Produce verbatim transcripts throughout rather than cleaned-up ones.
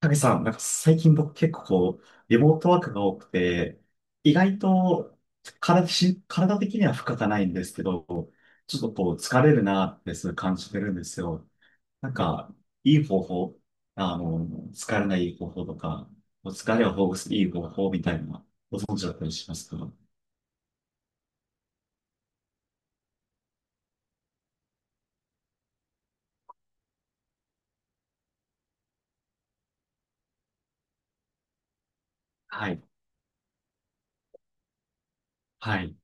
影さん、なんか最近僕結構こう、リモートワークが多くて、意外と体し、体的には負荷がないんですけど、ちょっとこう疲れるなってすごい感じてるんですよ。なんか、いい方法、あの、疲れない方法とか、疲れをほぐすいい方法みたいなのご存知だったりしますか？はい、はい、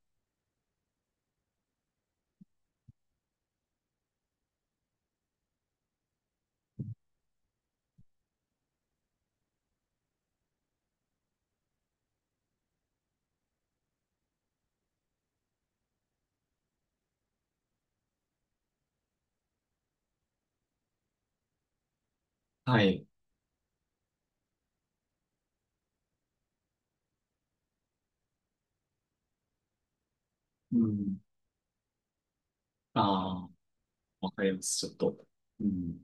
はい。うん、ああ、わかります、ちょっと。うん、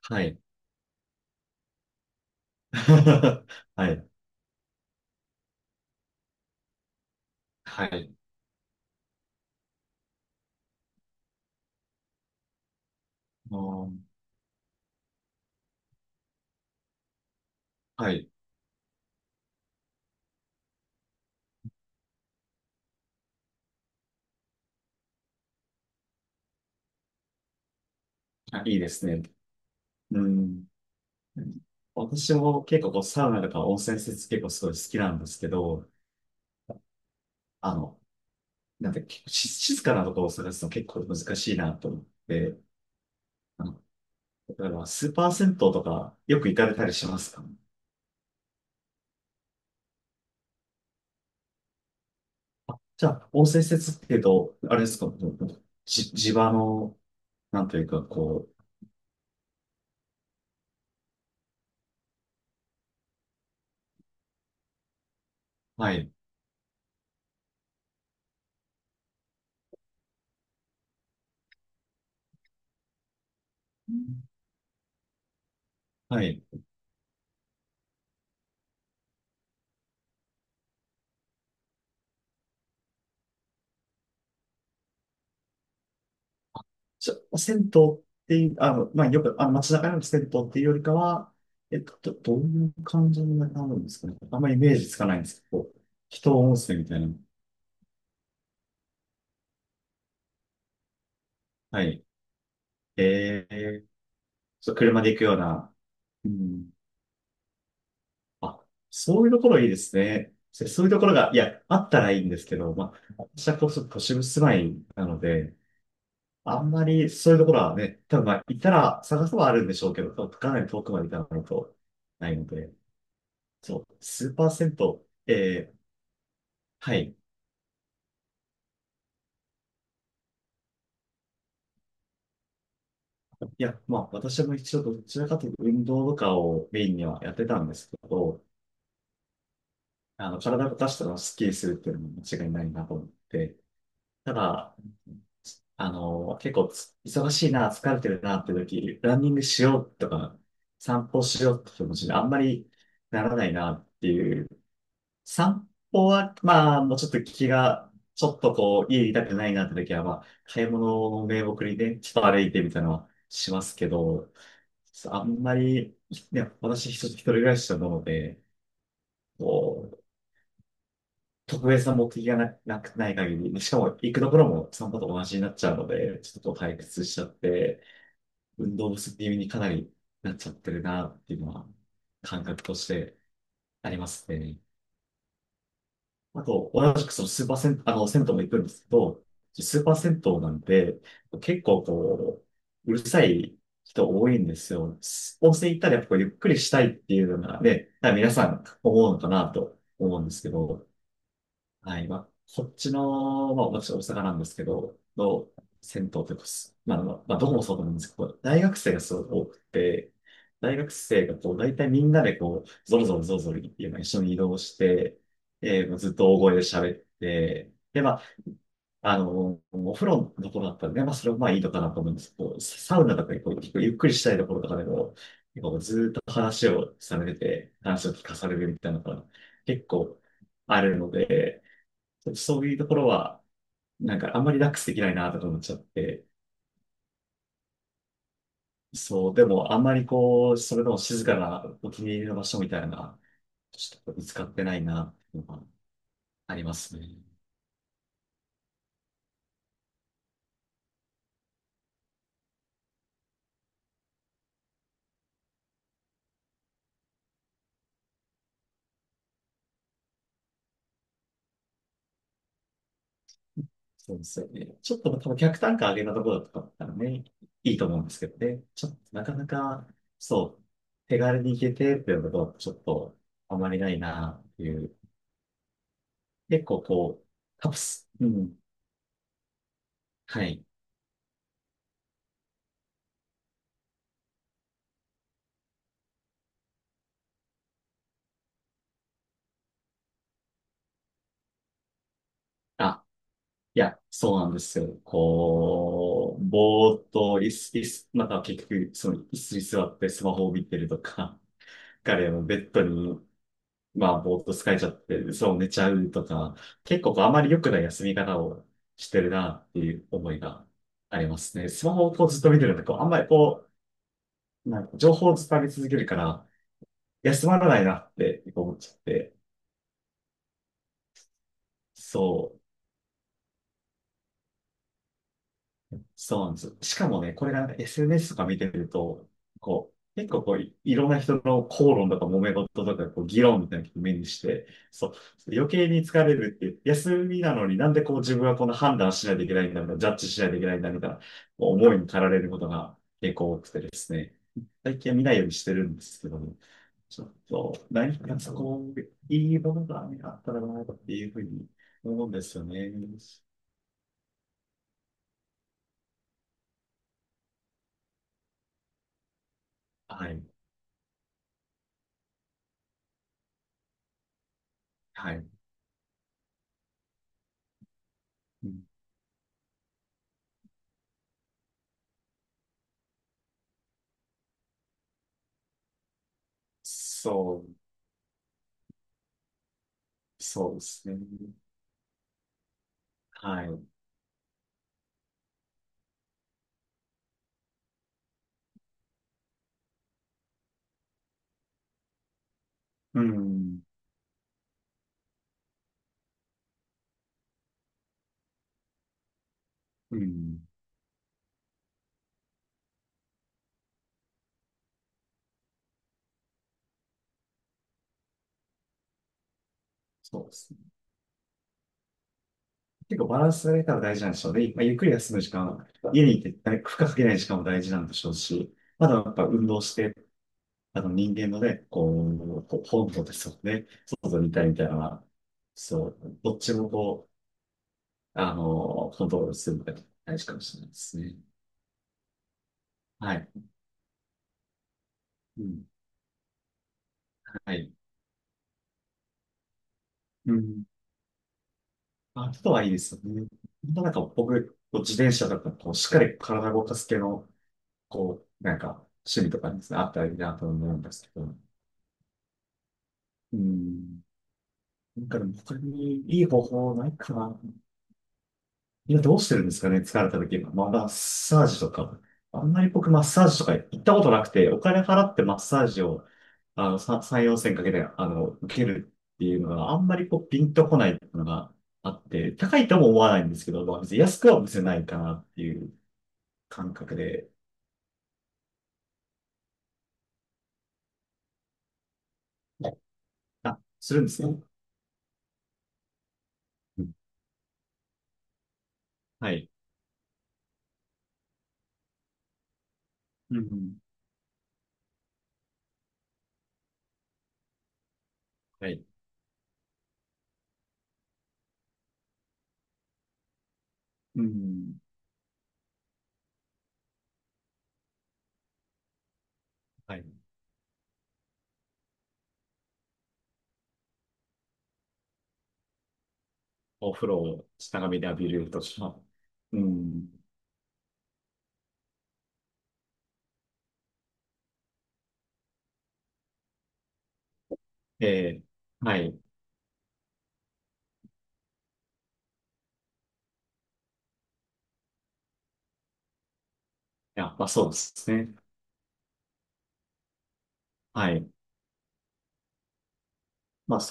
はい。はい、はい。あー、はい。あ、いいですね。うん。私も結構こうサウナとか温泉施設結構すごい好きなんですけど、あの、なんて結構し静かなところを探すの結構難しいなと思って、あの、例えばスーパー銭湯とかよく行かれたりしますか？あ、じゃあ温泉施設っていうと、あれですか、じ、地場の、なんというかこう、はい、はい。ちょ、銭湯っていう、あの、まあ、よく、あの、街中の銭湯っていうよりかは、えっと、ど、どういう感じになるんですかね。あんまりイメージつかないんですけど、人温泉みたいな。はい。えー、ちょっと車で行くような。うん。あ、そういうところいいですね。そそういうところが、いや、あったらいいんですけど、まあ、私はこそ都市部住まいなので、あんまりそういうところはね、多分まあ、行ったら探せばあるんでしょうけど、かなり遠くまで行かないとないので。そう、数パーセント。えー、はい。いや、まあ、私も一応どちらかというと運動とかをメインにはやってたんですけど、あの、体を動かしたらスッキリするっていうのも間違いないなと思って、ただ、あの、結構つ忙しいな、疲れてるなって時、ランニングしようとか、散歩しようって気持ちにあんまりならないなっていう。散歩は、まあ、もうちょっと気が、ちょっとこう、家いたくないなって時は、まあ、買い物を名目にね、ちょっと歩いてみたいなのはしますけど、あんまり、ね、私一人一人暮らしなので、こう、特別な目的がな、なくない限り、しかも行くところも散歩と同じになっちゃうので、ちょっとこう退屈しちゃって、運動不足気味にかなりなっちゃってるなっていうのは、感覚としてありますね。あと、同じくそのスーパー銭湯、あの、銭湯も行くんですけど、スーパー銭湯なんで、結構こう、うるさい人多いんですよ。温泉行ったらやっぱこうゆっくりしたいっていうのがね、多分皆さん思うのかなと思うんですけど、はい。まあ、こっちの、まあ、私大阪なんですけど、の銭湯というか、すまあ、まあまあどこもそうなんですけど、大学生がすごく多くて、大学生がこう、大体みんなでこう、ゾロゾロゾロゾロっていうのを一緒に移動して、えー、もうずっと大声で喋って、で、まあ、あの、お風呂のところだったらね、まあ、それもまあいいのかなと思うんですけど、サウナとかでこう、結構ゆっくりしたいところとかでも、結構ずっと話をされてて、話を聞かされるみたいなのが結構あるので、そういうところは、なんかあんまりリラックスできないなとか思っちゃって、そう、でもあんまりこう、それでも静かなお気に入りの場所みたいな、ちょっと見つかってないなっていうのがありますね。そうですよね。ちょっと多分客単価上げたところとかだったらね、いいと思うんですけどね。ちょっとなかなか、そう、手軽に行けてっていうことはちょっとあまりないなっていう。結構こう、カプス、うん、はい。あ、いや、そうなんですよ。こう、ぼーっと、い子、いす子、また結局、その椅子に座ってスマホを見てるとか、彼はベッドに、まあ、ぼーっと疲れちゃって、そう寝ちゃうとか、結構こうあまり良くない休み方をしてるなっていう思いがありますね。スマホをこうずっと見てると、こう、あんまりこう、なんか情報を伝え続けるから、休まらないなってこう思っちゃって、そう。そうなんですよ。しかもね、これがなんか エスエヌエス とか見てると、こう、結構こうい、いろんな人の口論とか揉め事とか、こう、議論みたいなのを目にして、そう、余計に疲れるっていう、休みなのになんでこう自分はこの判断しないといけないんだみたいな、ジャッジしないといけないんだみたいな、こう思いに駆られることが結構多くてですね、最近は見ないようにしてるんですけども、ちょっと、何かそこ、いいものがねあったらなっていうふうに思うんですよね。はい。はい。うん、そうそうですね。はい。うん。うん。そうですね。結構バランスが取れたら大事なんでしょうね。まあ、ゆっくり休む時間、家にいて負荷かけない時間も大事なんでしょうし、まだやっぱ運動して、あの人間のね、こう、こう本能ですよね。外にいたいみたいなのは、そう、どっちもこう、あの、コントロールするのが大事かもしれないですね。はい。うん。はい。うん。あ、あとはいいですよね。本当なんか僕、こう自転車とか、こう、しっかり体を動かす系のこう、なんか、趣味とかにですねあったらいいなと思うんですけど。うん。なんかでも他にいい方法ないかな。今どうしてるんですかね、疲れた時は。まあ、マッサージとか。あんまり僕マッサージとか行ったことなくて、お金払ってマッサージを、あの、ささん、よんせんかけて、あの、受けるっていうのがあんまりこう、ピンとこないっていうのがあって、高いとも思わないんですけど、まあ、別に安くは見せないかなっていう感覚で、あ、するんですね。うん、はい。うん。はい、うん、はい。お風呂を長めで浴びるとか。うん、ええ、はい。いや、まあそうですね。はい。まあ